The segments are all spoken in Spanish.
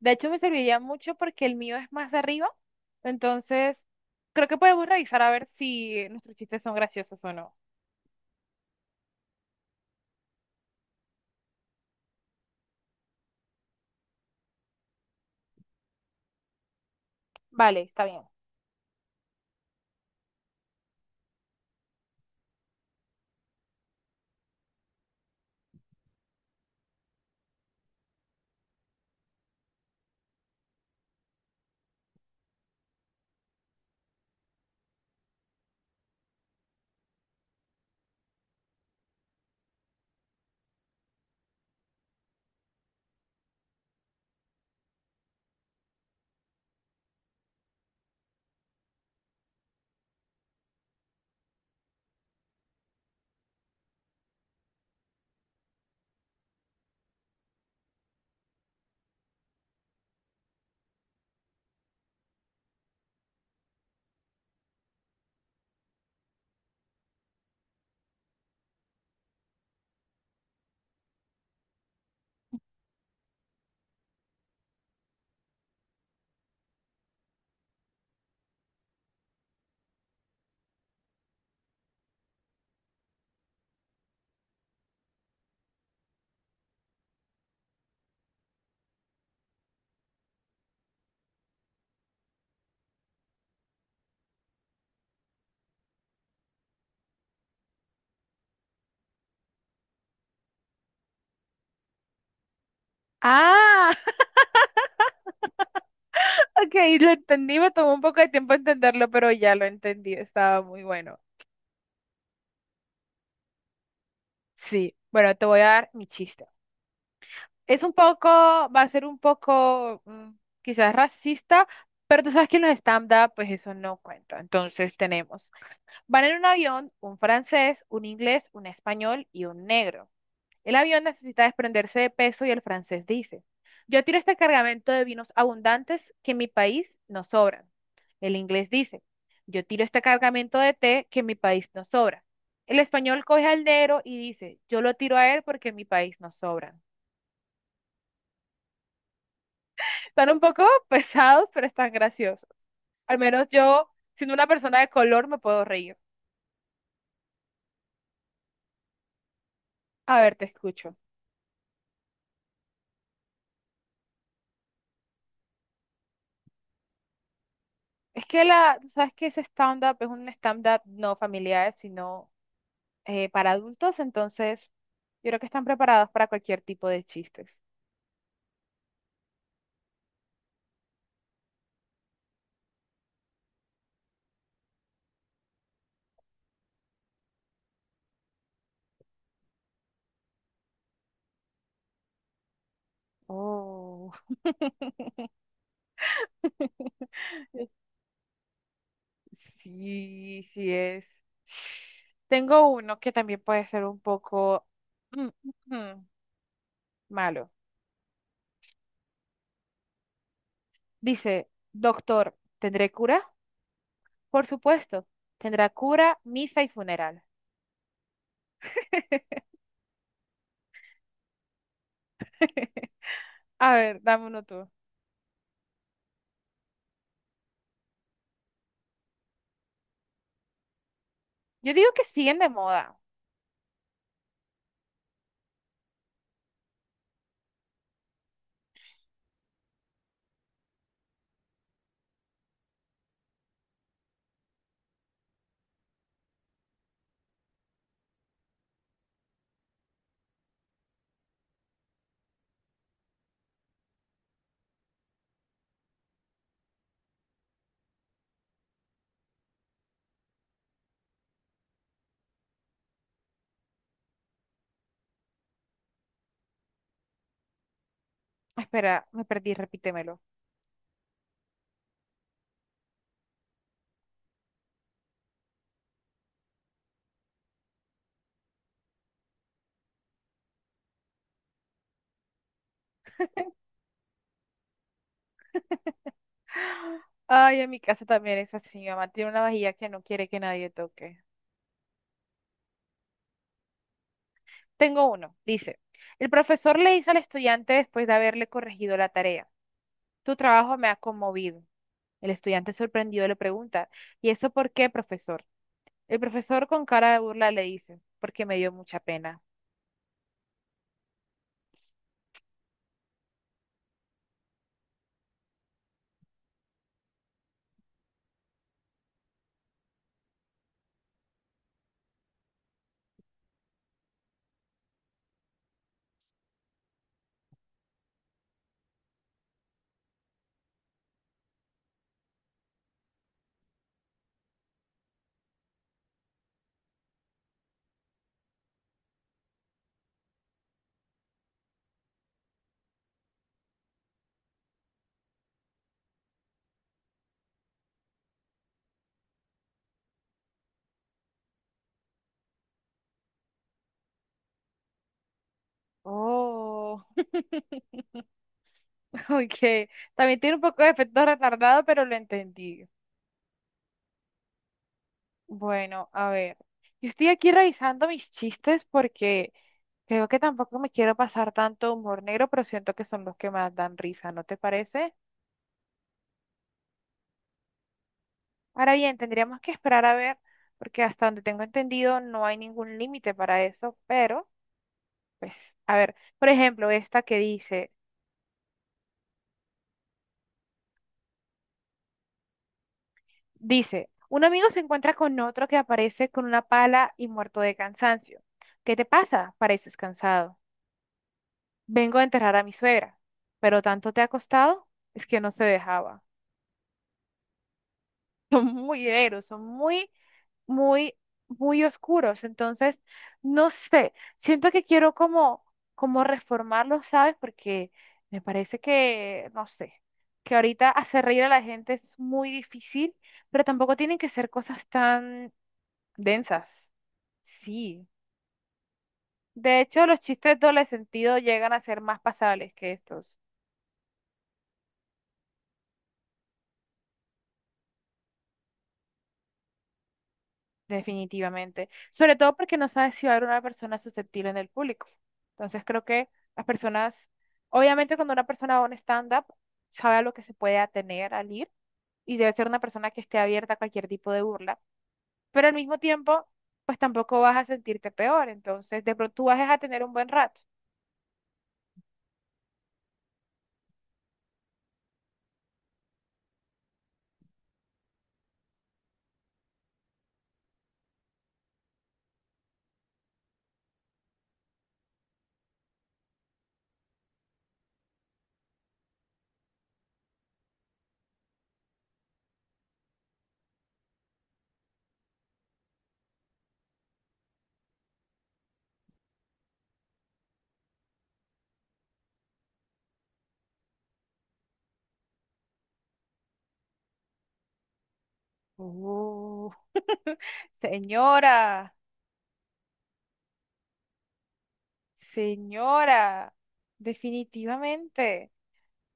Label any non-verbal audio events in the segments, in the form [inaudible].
De hecho, me serviría mucho porque el mío es más arriba. Entonces, creo que podemos revisar a ver si nuestros chistes son graciosos o no. Vale, está bien. Ah, [laughs] ok, lo entendí, me tomó un poco de tiempo entenderlo, pero ya lo entendí, estaba muy bueno. Sí, bueno, te voy a dar mi chiste. Es un poco, va a ser un poco quizás racista, pero tú sabes que en los stand-up pues eso no cuenta. Entonces tenemos, van en un avión un francés, un inglés, un español y un negro. El avión necesita desprenderse de peso y el francés dice, yo tiro este cargamento de vinos abundantes que en mi país no sobran. El inglés dice, yo tiro este cargamento de té que en mi país no sobra. El español coge al negro y dice, yo lo tiro a él porque en mi país no sobran. Están un poco [laughs] pesados, pero están graciosos. Al menos yo, siendo una persona de color, me puedo reír. A ver, te escucho. Es que la, tú sabes que ese stand-up es un stand-up no familiar, sino para adultos, entonces yo creo que están preparados para cualquier tipo de chistes. Oh, [laughs] Sí, sí es. Tengo uno que también puede ser un poco mm, mm, mm, malo. Dice, doctor, ¿tendré cura? Por supuesto, tendrá cura, misa y funeral. [laughs] A ver, dame uno tú. Yo digo que siguen de moda. Espera, me perdí, repítemelo. Ay, en mi casa también es así. Mi mamá tiene una vajilla que no quiere que nadie toque. Tengo uno. Dice, el profesor le hizo al estudiante después de haberle corregido la tarea. Tu trabajo me ha conmovido. El estudiante sorprendido le pregunta, ¿y eso por qué, profesor? El profesor con cara de burla le dice, porque me dio mucha pena. Oh, [laughs] ok. También tiene un poco de efecto retardado, pero lo entendí. Bueno, a ver. Yo estoy aquí revisando mis chistes porque... Creo que tampoco me quiero pasar tanto humor negro, pero siento que son los que más dan risa, ¿no te parece? Ahora bien, tendríamos que esperar a ver, porque hasta donde tengo entendido no hay ningún límite para eso, pero, pues, a ver, por ejemplo, esta que dice, dice, un amigo se encuentra con otro que aparece con una pala y muerto de cansancio. ¿Qué te pasa? Pareces cansado. Vengo a enterrar a mi suegra, pero tanto te ha costado, es que no se dejaba. [laughs] Son muy negros, son muy, muy oscuros. Entonces, no sé, siento que quiero como reformarlos, ¿sabes? Porque me parece que, no sé, que ahorita hacer reír a la gente es muy difícil, pero tampoco tienen que ser cosas tan densas. Sí. De hecho, los chistes doble sentido llegan a ser más pasables que estos. Definitivamente. Sobre todo porque no sabes si va a haber una persona susceptible en el público. Entonces creo que las personas, obviamente cuando una persona va a un stand-up, sabe a lo que se puede atener al ir y debe ser una persona que esté abierta a cualquier tipo de burla. Pero al mismo tiempo, pues tampoco vas a sentirte peor. Entonces de pronto tú vas a tener un buen rato. Oh. [laughs] Señora, señora, definitivamente.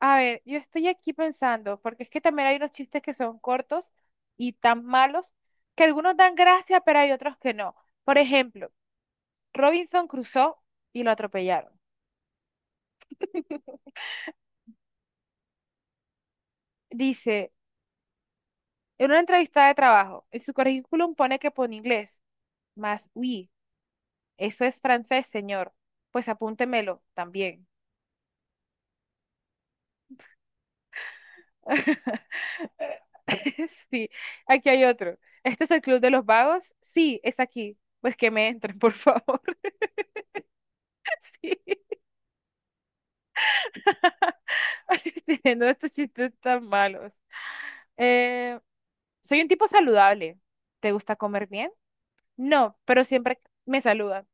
A ver, yo estoy aquí pensando, porque es que también hay unos chistes que son cortos y tan malos que algunos dan gracia, pero hay otros que no. Por ejemplo, Robinson cruzó y lo atropellaron. Dice, en una entrevista de trabajo, en su currículum pone que pone inglés, más oui, eso es francés, señor. Pues apúntemelo también. [laughs] [laughs] Sí, aquí hay otro. ¿Este es el Club de los Vagos? Sí, es aquí. Pues que me entren, por favor. [laughs] [laughs] teniendo estos chistes tan malos. Eh, soy un tipo saludable. ¿Te gusta comer bien? No, pero siempre me saludan.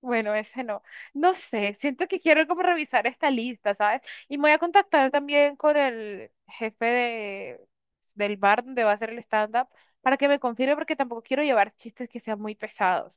Bueno, ese no. No sé, siento que quiero como revisar esta lista, ¿sabes? Y me voy a contactar también con el jefe de, del bar donde va a hacer el stand-up para que me confirme porque tampoco quiero llevar chistes que sean muy pesados.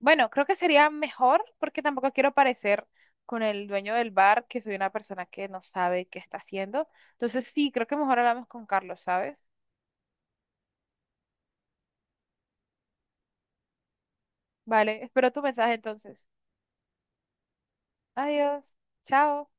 Bueno, creo que sería mejor porque tampoco quiero parecer con el dueño del bar que soy una persona que no sabe qué está haciendo. Entonces sí, creo que mejor hablamos con Carlos, ¿sabes? Vale, espero tu mensaje entonces. Adiós, chao.